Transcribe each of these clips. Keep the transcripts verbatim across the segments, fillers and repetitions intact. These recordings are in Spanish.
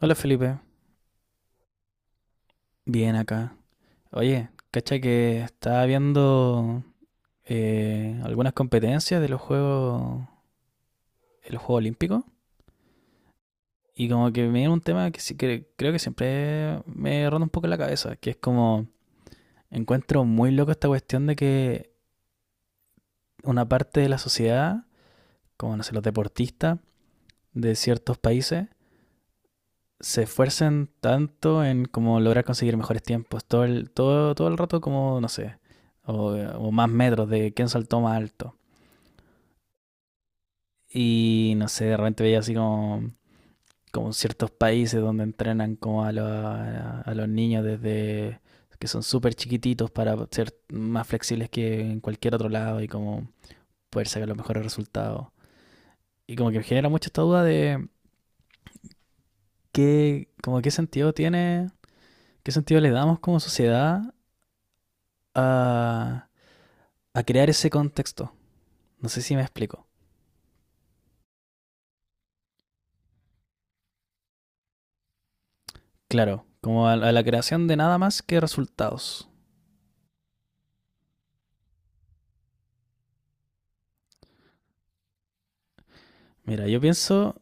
Hola Felipe, bien acá. Oye, cacha que estaba viendo eh, algunas competencias de los juegos, de los Juegos Olímpicos y como que me viene un tema que sí que creo que siempre me ronda un poco la cabeza, que es como encuentro muy loco esta cuestión de que una parte de la sociedad, como no sé, los deportistas de ciertos países, se esfuercen tanto en como lograr conseguir mejores tiempos. Todo el, todo, todo el rato como, no sé, o, o más metros de quién saltó más alto. Y no sé, de repente veía así como, como ciertos países donde entrenan como a, lo- a- a los niños desde que son súper chiquititos para ser más flexibles que en cualquier otro lado y como poder sacar los mejores resultados. Y como que me genera mucho esta duda de qué, como qué sentido tiene, qué sentido le damos como sociedad a, a crear ese contexto. No sé si me explico. Claro, como a, a la creación de nada más que resultados. Mira, yo pienso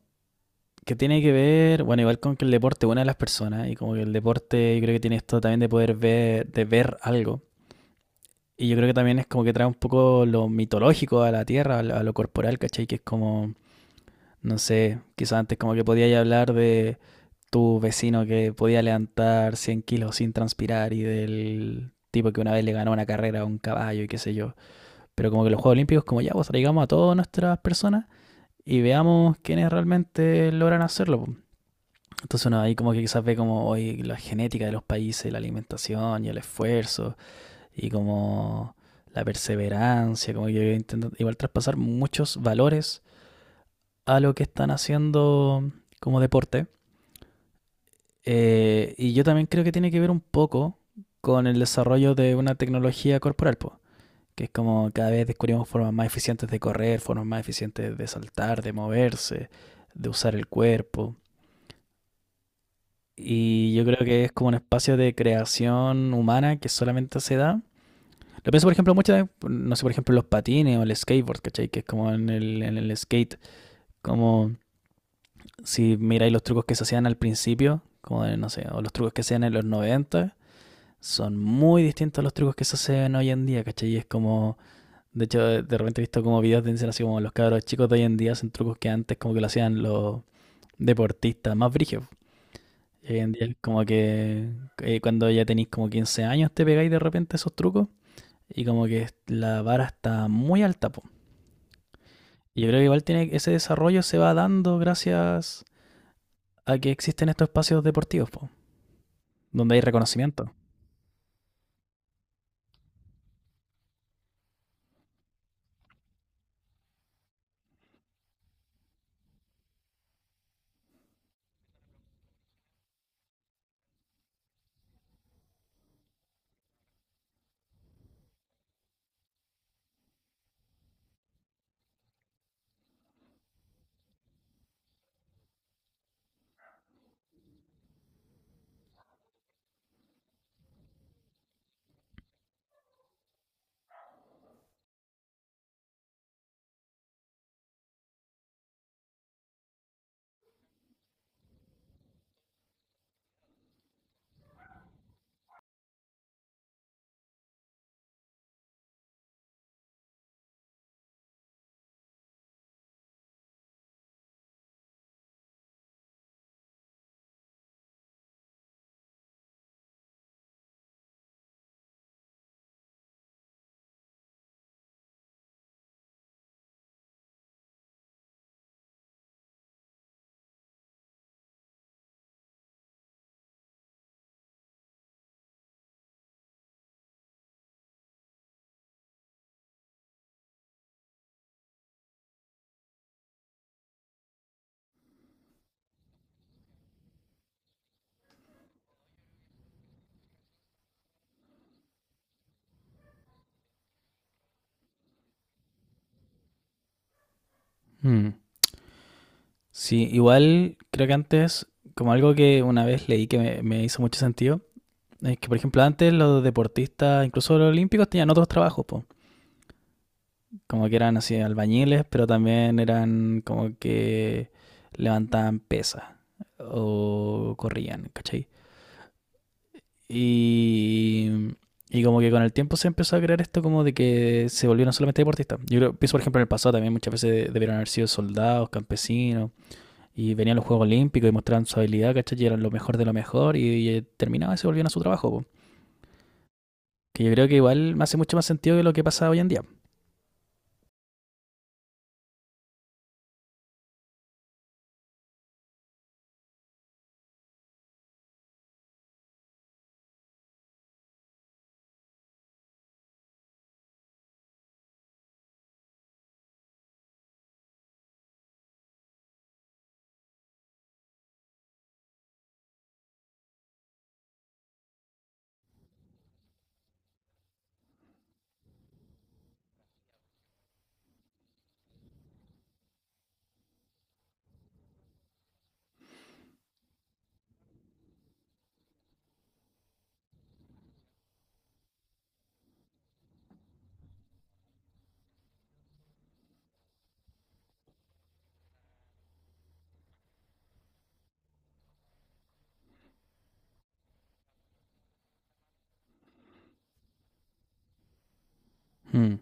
que tiene que ver, bueno, igual con que el deporte une a las personas y como que el deporte yo creo que tiene esto también de poder ver, de ver algo. Y yo creo que también es como que trae un poco lo mitológico a la tierra, a lo, a lo corporal, ¿cachai? Que es como, no sé, quizás antes como que podíais hablar de tu vecino que podía levantar cien kilos sin transpirar y del tipo que una vez le ganó una carrera a un caballo y qué sé yo. Pero como que los Juegos Olímpicos, como ya, pues traigamos a todas nuestras personas y veamos quiénes realmente logran hacerlo, pues. Entonces uno ahí como que quizás ve como hoy la genética de los países, la alimentación y el esfuerzo y como la perseverancia, como que intentan igual traspasar muchos valores a lo que están haciendo como deporte. Eh, y yo también creo que tiene que ver un poco con el desarrollo de una tecnología corporal, po. Que es como cada vez descubrimos formas más eficientes de correr, formas más eficientes de saltar, de moverse, de usar el cuerpo. Y yo creo que es como un espacio de creación humana que solamente se da. Lo pienso, por ejemplo, muchas, no sé, por ejemplo, los patines o el skateboard, ¿cachai? Que es como en el, en el skate, como si miráis los trucos que se hacían al principio, como de, no sé, o los trucos que se hacían en los noventa, son muy distintos a los trucos que se hacen hoy en día, ¿cachai? Y es como. De hecho, de repente he visto como videos de dicen así como los cabros chicos de hoy en día hacen trucos que antes como que lo hacían los deportistas más brígidos. Y hoy en día como que eh, cuando ya tenéis como quince años te pegáis de repente esos trucos y como que la vara está muy alta, po. Y yo creo que igual tiene, ese desarrollo se va dando gracias a que existen estos espacios deportivos, po, donde hay reconocimiento. Mm. Sí, igual creo que antes, como algo que una vez leí que me, me hizo mucho sentido, es que, por ejemplo, antes los deportistas, incluso los olímpicos, tenían otros trabajos, po. Como que eran así albañiles, pero también eran como que levantaban pesas o corrían, ¿cachai? Y, y como que con el tiempo se empezó a crear esto como de que se volvieron solamente deportistas. Yo creo, pienso, por ejemplo, en el pasado también muchas veces debieron haber sido soldados, campesinos, y venían los Juegos Olímpicos y mostraban su habilidad, ¿cachai? Y eran lo mejor de lo mejor y, y terminaban y se volvían a su trabajo, po. Que yo creo que igual me hace mucho más sentido que lo que pasa hoy en día. Mm.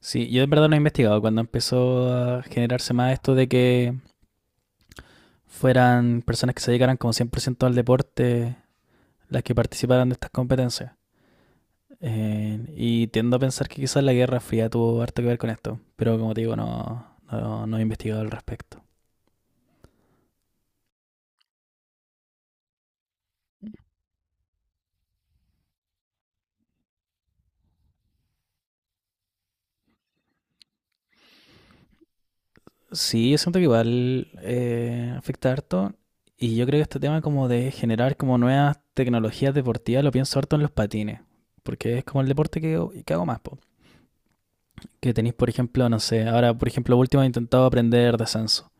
Sí, yo en verdad no he investigado cuando empezó a generarse más esto de que fueran personas que se dedicaran como cien por ciento al deporte las que participaran de estas competencias. Eh, y tiendo a pensar que quizás la Guerra Fría tuvo harto que ver con esto, pero como te digo, no, no, no he investigado al respecto. Sí, yo siento que igual eh, afecta harto. Y yo creo que este tema como de generar como nuevas tecnologías deportivas lo pienso harto en los patines. Porque es como el deporte que, que hago más, po. Que tenéis, por ejemplo, no sé, ahora, por ejemplo, último he intentado aprender descenso.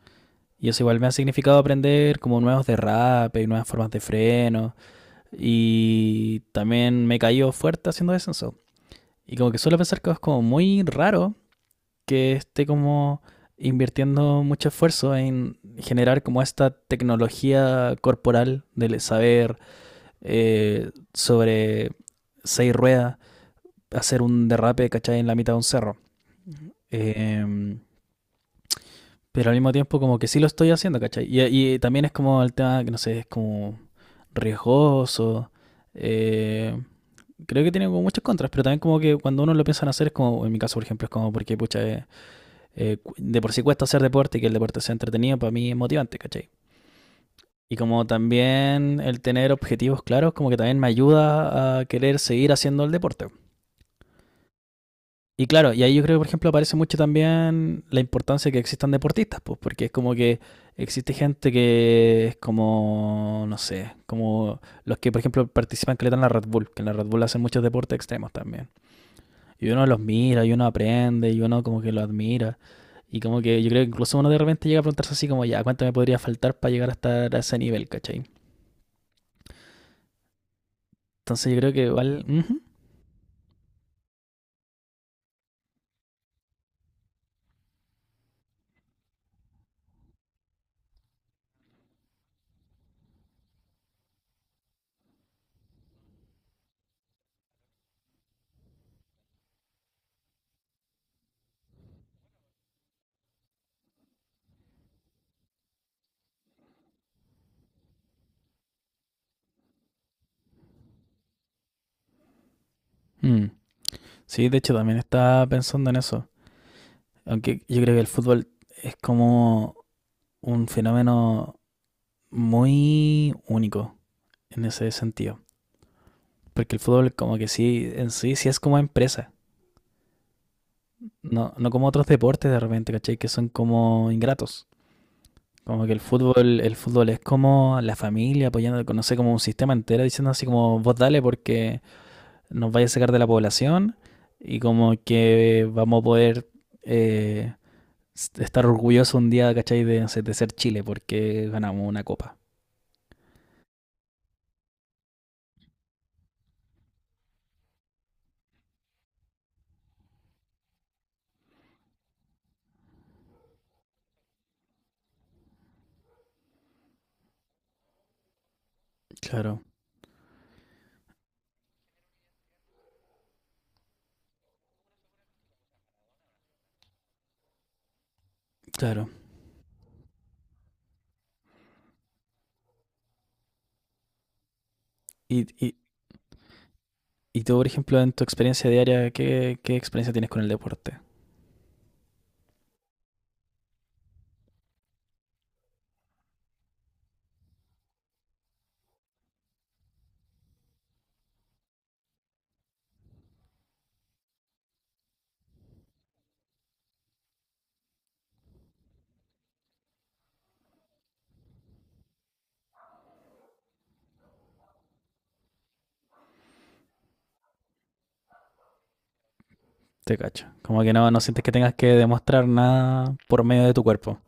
Y eso igual me ha significado aprender como nuevos derrapes y nuevas formas de freno. Y también me he caído fuerte haciendo descenso. Y como que suelo pensar que es como muy raro que esté como invirtiendo mucho esfuerzo en generar como esta tecnología corporal del saber eh, sobre seis ruedas, hacer un derrape, ¿cachai? En la mitad de un cerro. Eh, pero al mismo tiempo como que sí lo estoy haciendo, ¿cachai? Y, y también es como el tema, que no sé, es como riesgoso. Eh, creo que tiene como muchas contras, pero también como que cuando uno lo piensa en hacer es como, en mi caso por ejemplo, es como porque pucha, eh, eh, de por sí cuesta hacer deporte y que el deporte sea entretenido, para mí es motivante, ¿cachai? Y como también el tener objetivos claros, como que también me ayuda a querer seguir haciendo el deporte. Y claro, y ahí yo creo que, por ejemplo, aparece mucho también la importancia de que existan deportistas, pues, porque es como que existe gente que es como, no sé, como los que, por ejemplo, participan que le dan la Red Bull, que en la Red Bull hacen muchos deportes extremos también. Y uno los mira, y uno aprende, y uno como que lo admira. Y como que yo creo que incluso uno de repente llega a preguntarse así como, ya, ¿cuánto me podría faltar para llegar hasta a ese nivel, cachai? Entonces yo creo que igual. Ujú, mm. Sí, de hecho también estaba pensando en eso. Aunque yo creo que el fútbol es como un fenómeno muy único en ese sentido. Porque el fútbol como que sí, en sí, sí es como empresa. No, no como otros deportes de repente, ¿cachai? Que son como ingratos. Como que el fútbol, el fútbol es como la familia apoyando, no sé, como un sistema entero diciendo así como vos dale porque nos vaya a sacar de la población y como que vamos a poder eh, s- estar orgullosos un día, ¿cachai? De, no sé, de ser Chile porque ganamos una copa. Claro, claro. Y, y, y tú, por ejemplo, en tu experiencia diaria, ¿qué, qué experiencia tienes con el deporte? Te cacho. Como que no, no sientes que tengas que demostrar nada por medio de tu cuerpo.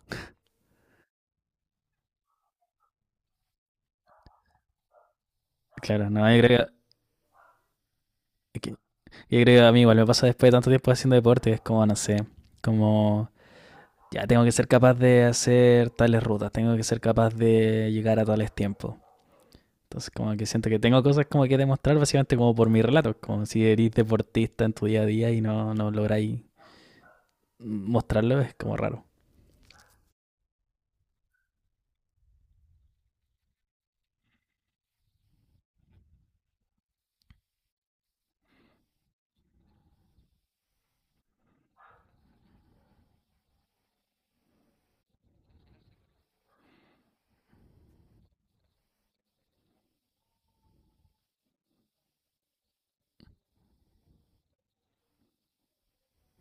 Claro, no, yo creo que Yo creo que a mí igual me pasa después de tanto tiempo haciendo deporte, es como, no sé, como ya tengo que ser capaz de hacer tales rutas, tengo que ser capaz de llegar a tales tiempos. Entonces como que siento que tengo cosas como que demostrar básicamente como por mi relato como si eres deportista en tu día a día y no, no lográis mostrarlo, es como raro.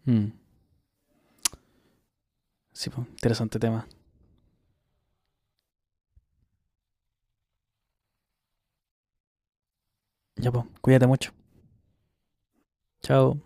Mm, sí, pues, interesante tema. Ya pues, cuídate mucho. Chao.